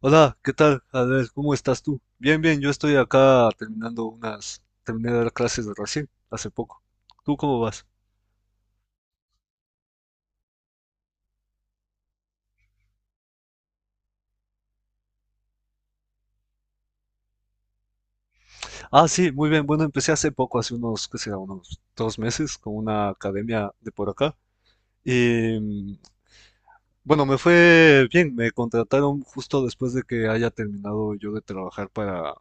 Hola, ¿qué tal? A ¿cómo estás tú? Bien, bien, yo estoy acá terminando unas, terminé de dar clases de recién, hace poco. ¿Tú cómo vas? Ah, sí, muy bien. Bueno, empecé hace poco, hace unos, qué será, unos dos meses con una academia de por acá. Y mm, bueno, me fue bien. Me contrataron justo después de que haya terminado yo de trabajar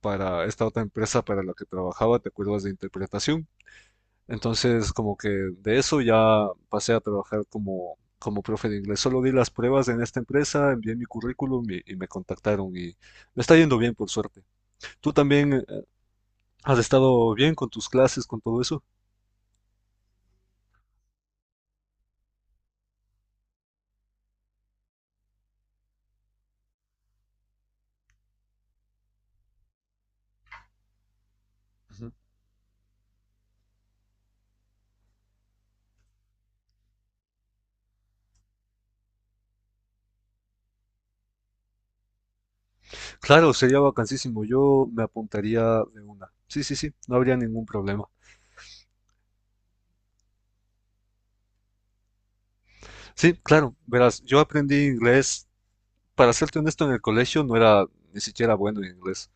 para esta otra empresa para la que trabajaba, ¿te acuerdas de interpretación? Entonces, como que de eso ya pasé a trabajar como, como profe de inglés. Solo di las pruebas en esta empresa, envié mi currículum y me contactaron y me está yendo bien, por suerte. ¿Tú también has estado bien con tus clases, con todo eso? Ujú. Claro, sería vacancísimo. Yo me apuntaría de una. Sí, sí, sí, no habría ningún problema. Sí, claro, verás, yo aprendí inglés, para serte honesto, en el colegio no era ni siquiera bueno en inglés.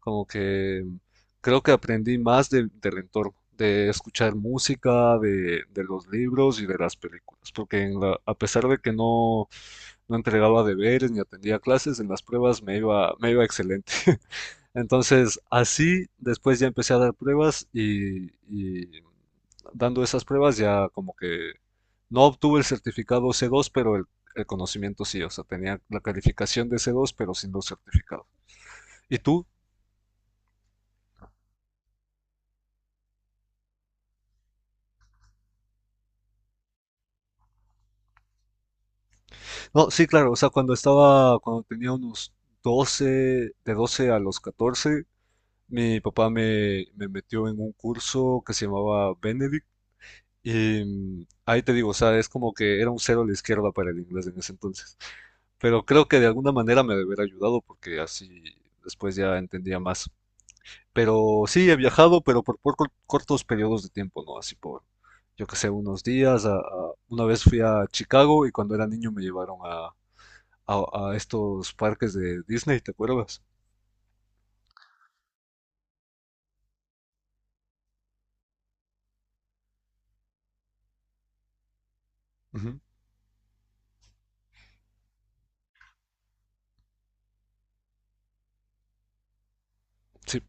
Como que creo que aprendí más del entorno, de escuchar música, de los libros y de las películas. Porque en a pesar de que no, no entregaba deberes ni atendía clases, en las pruebas me iba excelente. Entonces, así, después ya empecé a dar pruebas y dando esas pruebas ya como que no obtuve el certificado C2, pero el conocimiento sí, o sea, tenía la calificación de C2, pero sin los certificados. ¿Y tú? No, sí, claro, o sea, cuando estaba, cuando tenía unos doce, de 12 a los catorce, mi papá me, me metió en un curso que se llamaba Benedict. Ahí te digo, o sea, es como que era un cero a la izquierda para el inglés en ese entonces. Pero creo que de alguna manera me debería ayudado porque así después ya entendía más. Pero sí, he viajado, pero por cortos periodos de tiempo, ¿no? Así por, yo qué sé, unos días. Una vez fui a Chicago y cuando era niño me llevaron a, a estos parques de Disney, ¿te acuerdas? Ujú. Sí,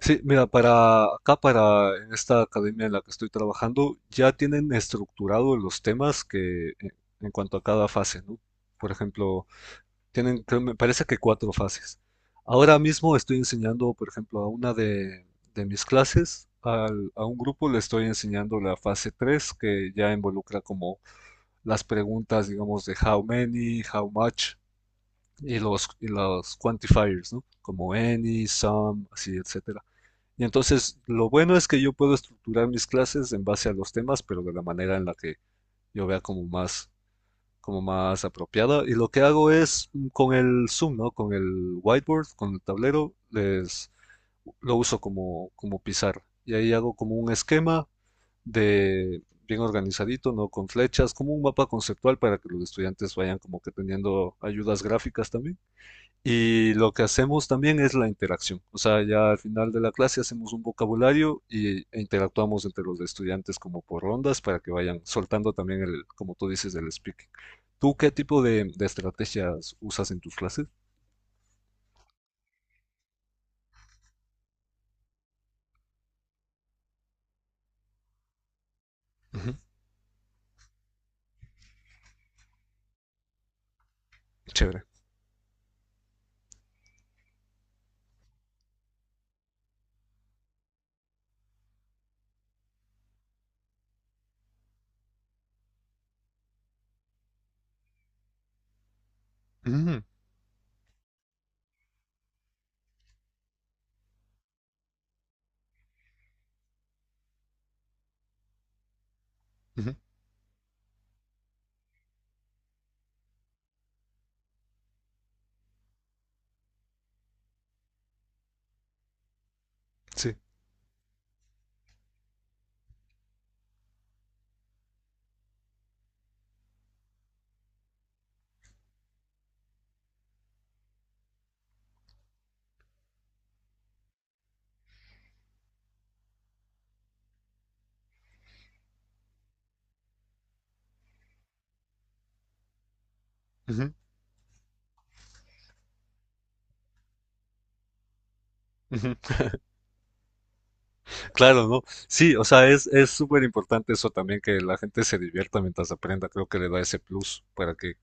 sí, mira, para acá, para en esta academia en la que estoy trabajando, ya tienen estructurado los temas en cuanto a cada fase, ¿no? Por ejemplo, tienen, me parece que cuatro fases. Ahora mismo estoy enseñando, por ejemplo, a una de mis clases, a un grupo le estoy enseñando la fase 3, que ya involucra como las preguntas, digamos, de how many, how much, y los quantifiers, ¿no? Como any, some, así, etcétera. Y entonces, lo bueno es que yo puedo estructurar mis clases en base a los temas, pero de la manera en la que yo vea como más, como más apropiada. Y lo que hago es, con el Zoom, ¿no? Con el whiteboard, con el tablero, lo uso como, como pizarra. Y ahí hago como un esquema de bien organizadito, ¿no? Con flechas, como un mapa conceptual para que los estudiantes vayan como que teniendo ayudas gráficas también. Y lo que hacemos también es la interacción. O sea, ya al final de la clase hacemos un vocabulario y, e interactuamos entre los estudiantes como por rondas para que vayan soltando también el, como tú dices, el speaking. ¿Tú qué tipo de estrategias usas en tus clases? Ujú. Chévere. Ujú. Ujú. Sí. Ujú. Ujú. Claro, ¿no? Sí, o sea, es súper importante eso también, que la gente se divierta mientras aprenda. Creo que le da ese plus para que,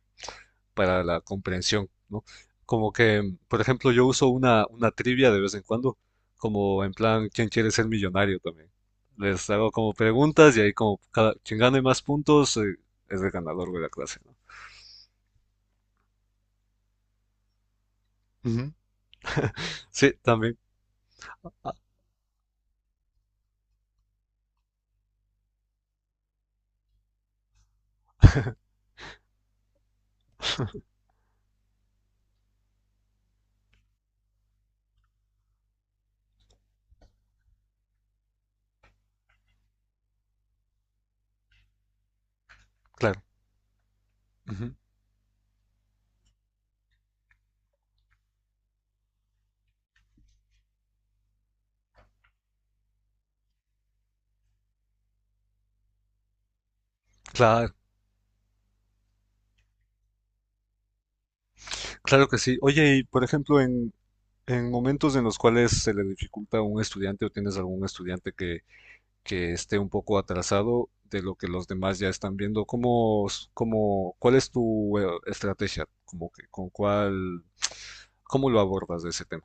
para la comprensión, ¿no? Como que, por ejemplo, yo uso una trivia de vez en cuando, como en plan, ¿quién quiere ser millonario también? Les hago como preguntas y ahí como cada, quien gane más puntos es el ganador de la clase, ¿no? Ujú. Sí, también. Ah, claro. Ujú. Claro, claro que sí. Oye, y por ejemplo, en momentos en los cuales se le dificulta a un estudiante o tienes algún estudiante que esté un poco atrasado de lo que los demás ya están viendo. ¿Cómo, cómo, cuál es tu estrategia? Como que, con cuál, ¿cómo lo abordas de ese tema?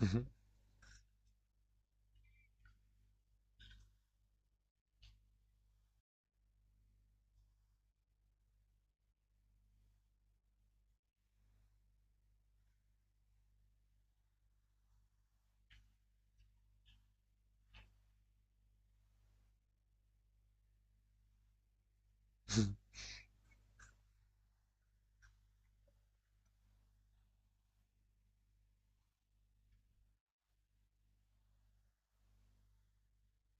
Ujú. Ujú.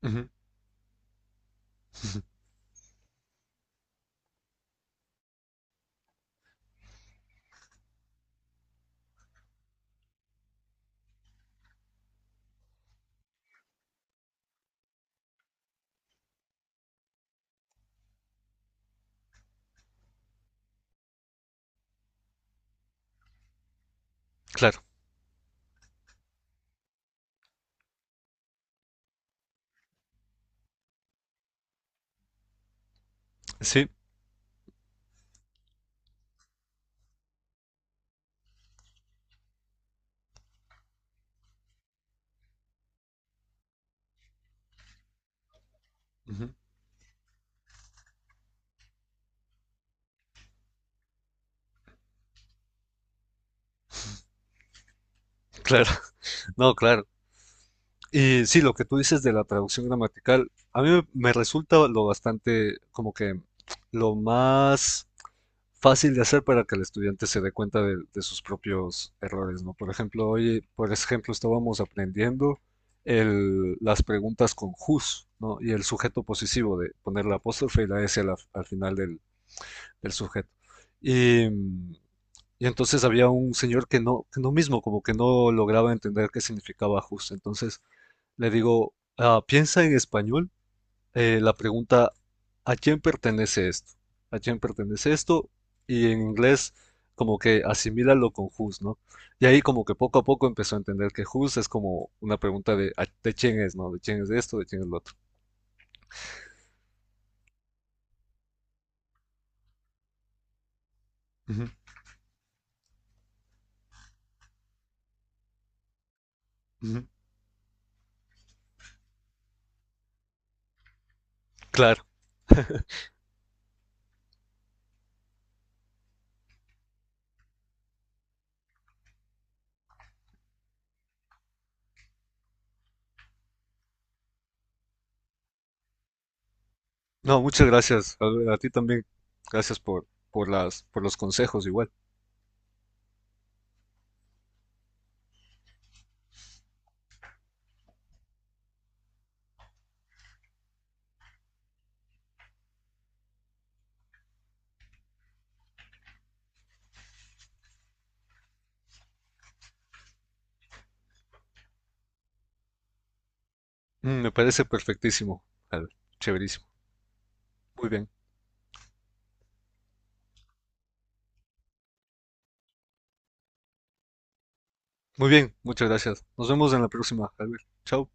Ujú. Claro, sí. Ujú. Claro. No, claro. Y sí, lo que tú dices de la traducción gramatical, a mí me, me resulta lo bastante, como que lo más fácil de hacer para que el estudiante se dé cuenta de sus propios errores, ¿no? Por ejemplo, hoy, por ejemplo, estábamos aprendiendo las preguntas con whose, ¿no? Y el sujeto posesivo de poner la apóstrofe y la S al, al final del, del sujeto. Y, mm, y entonces había un señor que no mismo, como que no lograba entender qué significaba whose. Entonces le digo, "Ah, piensa en español, la pregunta, ¿a quién pertenece esto? ¿A quién pertenece esto? Y en inglés como que asimílalo con whose, ¿no?". Y ahí como que poco a poco empezó a entender que whose es como una pregunta de, de quién es, ¿no? De quién es esto, de quién es lo otro. Ujú. Ujú. Claro. No, muchas gracias, Albert. A ti también. Gracias por las, por los consejos igual. Me parece perfectísimo, Albert. Chéverísimo. Muy bien. Muy bien, muchas gracias. Nos vemos en la próxima, Albert. Chao.